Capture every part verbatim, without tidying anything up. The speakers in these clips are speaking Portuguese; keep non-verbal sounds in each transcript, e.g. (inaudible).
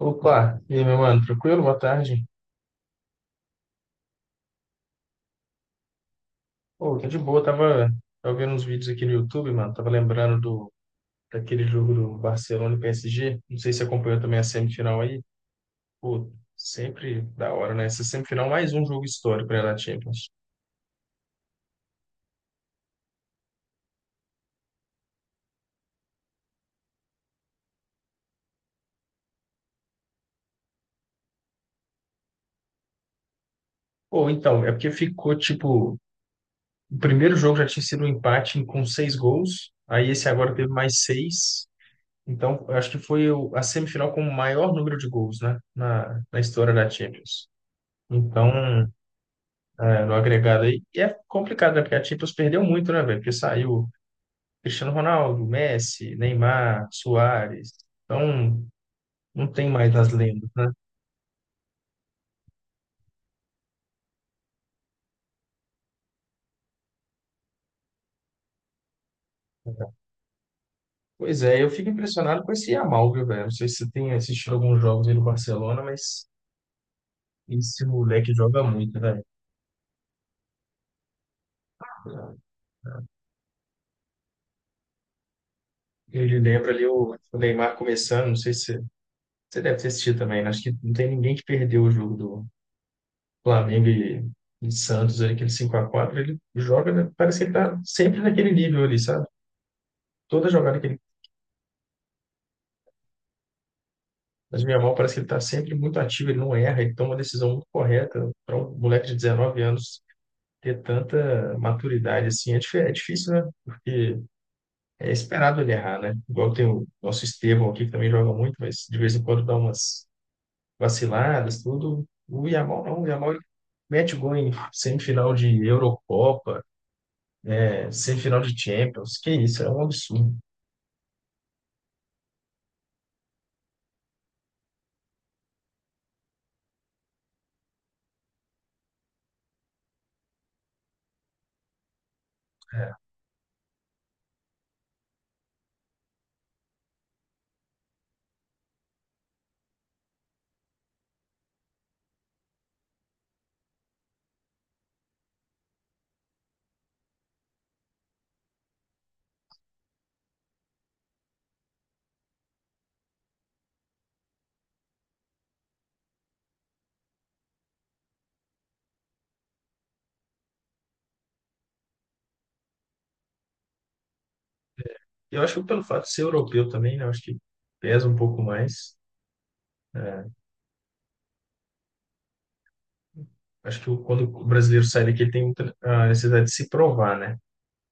Opa, e aí, meu mano, tranquilo? Boa tarde. Pô, tô de boa, tava, tava vendo uns vídeos aqui no YouTube, mano, tava lembrando do, daquele jogo do Barcelona e P S G, não sei se acompanhou também a semifinal aí, pô, sempre da hora, né? Essa semifinal, mais um jogo histórico, né, da Champions. Pô, então, é porque ficou, tipo, o primeiro jogo já tinha sido um empate com seis gols, aí esse agora teve mais seis, então, eu acho que foi o- a semifinal com o maior número de gols, né, na, na história da Champions. Então, é, no agregado aí. E é complicado, né? Porque a Champions perdeu muito, né, velho? Porque saiu Cristiano Ronaldo, Messi, Neymar, Suárez. Então, não tem mais as lendas, né? Pois é, eu fico impressionado com esse Yamal, viu, velho? Não sei se você tem assistido alguns jogos aí no Barcelona, mas esse moleque joga muito, velho. Ele lembra ali o o Neymar começando, não sei se você você deve ter assistido também, né? Acho que não tem ninguém que perdeu o jogo do Flamengo e, e Santos, ali, aquele cinco a quatro ele joga, né? Parece que ele tá sempre naquele nível ali, sabe? Toda jogada que ele. Mas o Yamal parece que ele está sempre muito ativo, ele não erra, ele toma uma decisão muito correta. Para um moleque de dezenove anos ter tanta maturidade assim é, dif- é difícil, né? Porque é esperado ele errar, né? Igual tem o nosso Estevão aqui, que também joga muito, mas de vez em quando dá umas vaciladas, tudo. O Yamal não, o Yamal ele mete gol em semifinal de Eurocopa, é, semifinal de Champions, que isso, é um absurdo. É. Eu acho que pelo fato de ser europeu também, né? Eu acho que pesa um pouco mais. é, Acho que o- quando o brasileiro sai daqui, ele tem muita, a necessidade de se provar, né?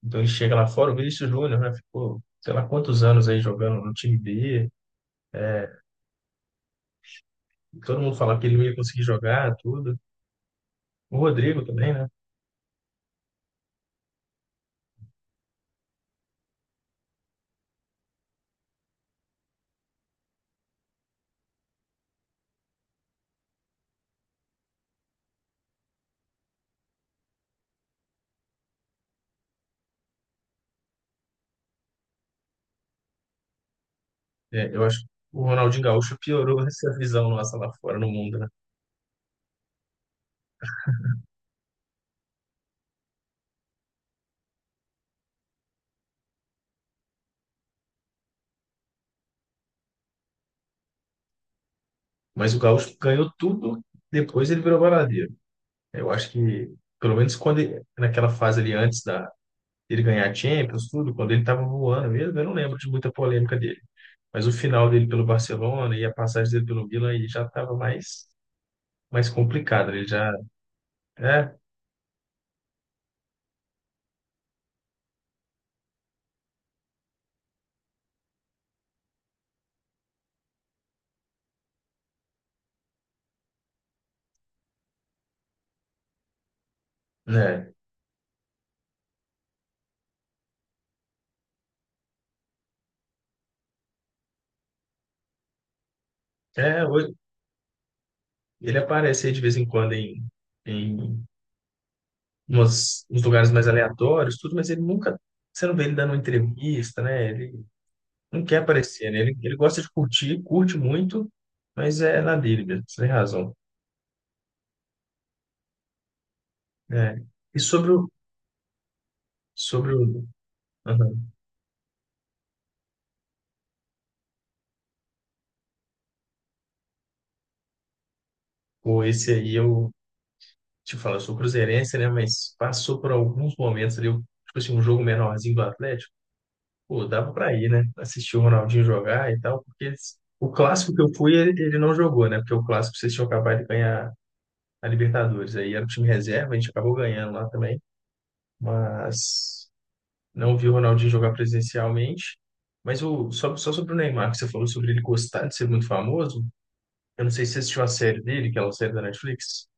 Então ele chega lá fora, o Vinícius Júnior, né? Ficou, sei lá quantos anos aí jogando no time B. Todo mundo falava que ele não ia conseguir jogar, tudo. O Rodrigo também, né? É, eu acho que o Ronaldinho Gaúcho piorou essa visão nossa lá fora no mundo, né? Mas o Gaúcho ganhou tudo, depois ele virou baladeiro. Eu acho que, pelo menos quando ele- naquela fase ali antes da, dele ganhar a Champions, tudo, quando ele estava voando mesmo, eu não lembro de muita polêmica dele. Mas o final dele pelo Barcelona e a passagem dele pelo Milan aí já estava mais, mais complicado. Ele já. É, né? É, hoje, ele aparece aí de vez em quando em, em umas, uns lugares mais aleatórios, tudo, mas ele nunca. Você não vê ele dando uma entrevista, né? Ele não quer aparecer, né? Ele, ele gosta de curtir, curte muito, mas é na dele mesmo, você tem razão. É. E sobre o. Sobre o. Aham. Pô, esse aí eu te falar, eu sou cruzeirense, né? Mas passou por alguns momentos ali, tipo assim, um jogo menorzinho do Atlético, pô, dava pra ir, né? Assistir o Ronaldinho jogar e tal, porque eles- o clássico que eu fui, ele, ele não jogou, né? Porque o clássico vocês tinham acabado de ganhar a Libertadores. Aí era o time reserva, a gente acabou ganhando lá também, mas não vi o Ronaldinho jogar presencialmente. Mas o, só, só sobre o Neymar, que você falou sobre ele gostar de ser muito famoso, eu não sei se você assistiu a série dele, que é uma série da Netflix.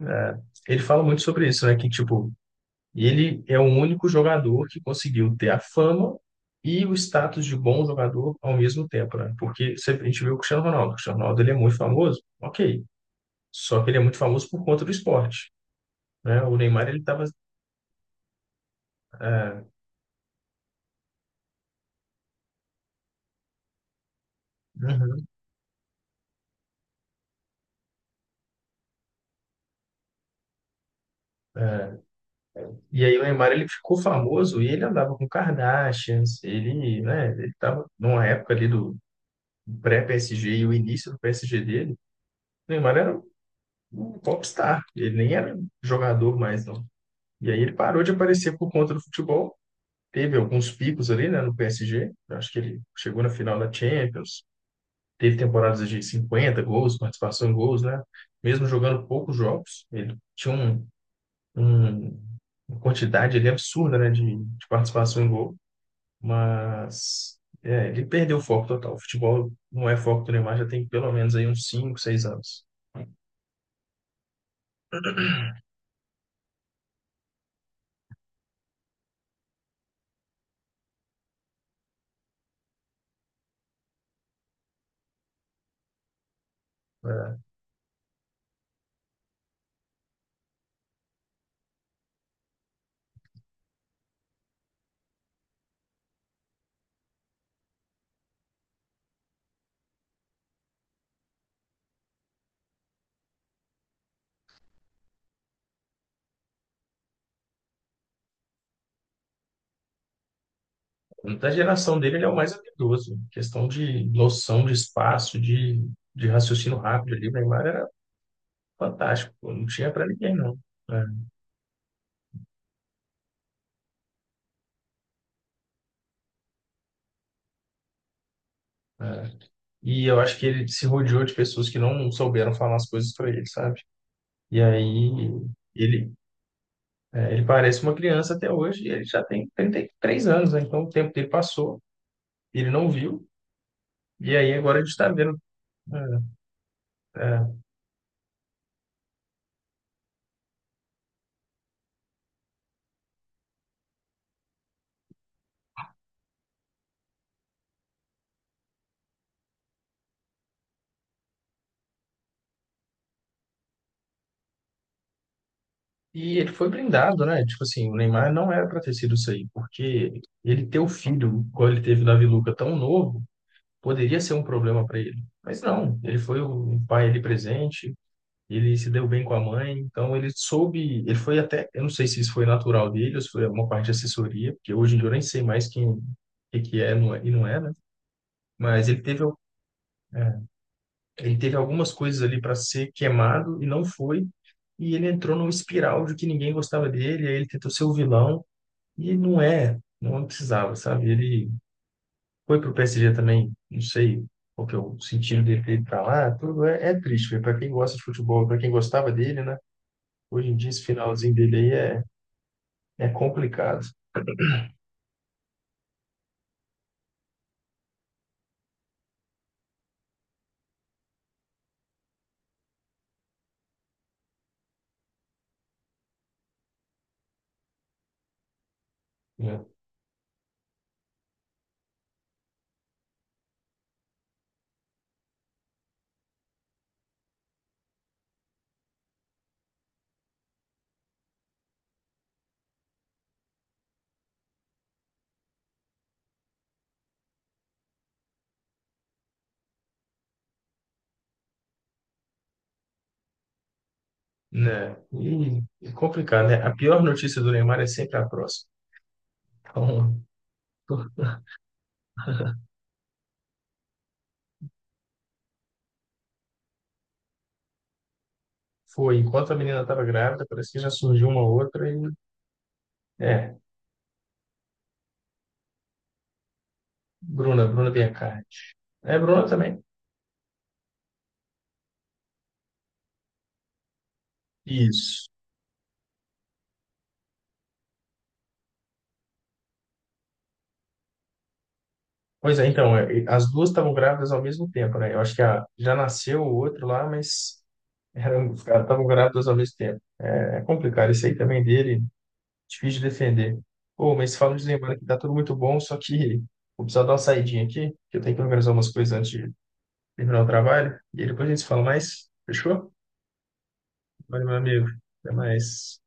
É, ele fala muito sobre isso, né? Que, tipo, e ele é o único jogador que conseguiu ter a fama e o status de bom jogador ao mesmo tempo, né? Porque sempre a gente vê o Cristiano Ronaldo. O Cristiano Ronaldo ele é muito famoso, ok. Só que ele é muito famoso por conta do esporte, né? O Neymar ele tava, é, uhum, é. E aí o Neymar ele ficou famoso e ele andava com Kardashians, ele, né? Ele tava numa época ali do pré-P S G e o início do P S G dele. O Neymar era um um popstar, ele nem era um jogador mais, não. E aí ele parou de aparecer por conta do futebol. Teve alguns picos ali, né, no P S G. Eu acho que ele chegou na final da Champions. Teve temporadas de cinquenta gols, participação em gols, né? Mesmo jogando poucos jogos, ele tinha um, um- uma quantidade ali absurda, né, de, de participação em gol. Mas é, ele perdeu o foco total. O futebol não é foco do Neymar já tem pelo menos aí uns cinco seis anos. É. Da geração dele, ele é o mais habilidoso. Questão de noção de espaço, de, de raciocínio rápido ali, o Neymar era fantástico. Pô, não tinha para ninguém, não. É, é. E eu acho que ele se rodeou de pessoas que não souberam falar as coisas para ele, sabe? E aí ele, é, ele parece uma criança até hoje e ele já tem trinta e três anos, né? Então o tempo dele passou, ele não viu, e aí agora a gente está vendo É, é. E ele foi brindado, né? Tipo assim, o Neymar não era para ter sido isso aí, porque ele ter o filho, quando ele teve o Davi Luca tão novo, poderia ser um problema para ele. Mas não, ele foi o pai ali presente, ele se deu bem com a mãe, então ele soube, ele foi até, eu não sei se isso foi natural dele ou se foi uma parte de assessoria, porque hoje em dia eu nem sei mais quem, o que que é não é- e não é, né? Mas ele teve, é, ele teve algumas coisas ali para ser queimado e não foi. E ele entrou numa espiral de que ninguém gostava dele, aí ele tentou ser o vilão. E não é, não precisava, sabe? Ele foi pro P S G também, não sei qual que é o sentido dele ter ido pra lá, tudo é, é triste, para quem gosta de futebol, para quem gostava dele, né? Hoje em dia esse finalzinho dele aí é, é complicado, né? Né? E é complicado, né? A pior notícia do Neymar é sempre a próxima. Então, (laughs) foi, enquanto a menina estava grávida, parece que já surgiu uma outra e é, Bruna, Bruna Biancardi. É Bruna também. Isso. Pois é, então, é, e as duas estavam grávidas ao mesmo tempo, né? Eu acho que a, já nasceu o outro lá, mas (laughs) eram, estavam grávidas ao mesmo tempo. É, é complicado, isso aí também é dele, difícil de defender. Pô, mas falando de lembrar que tá tudo muito bom, só que vou precisar dar uma saidinha aqui, que eu tenho que organizar umas coisas antes de terminar o trabalho, e aí depois a gente se fala mais, fechou? Valeu, meu amigo, até mais.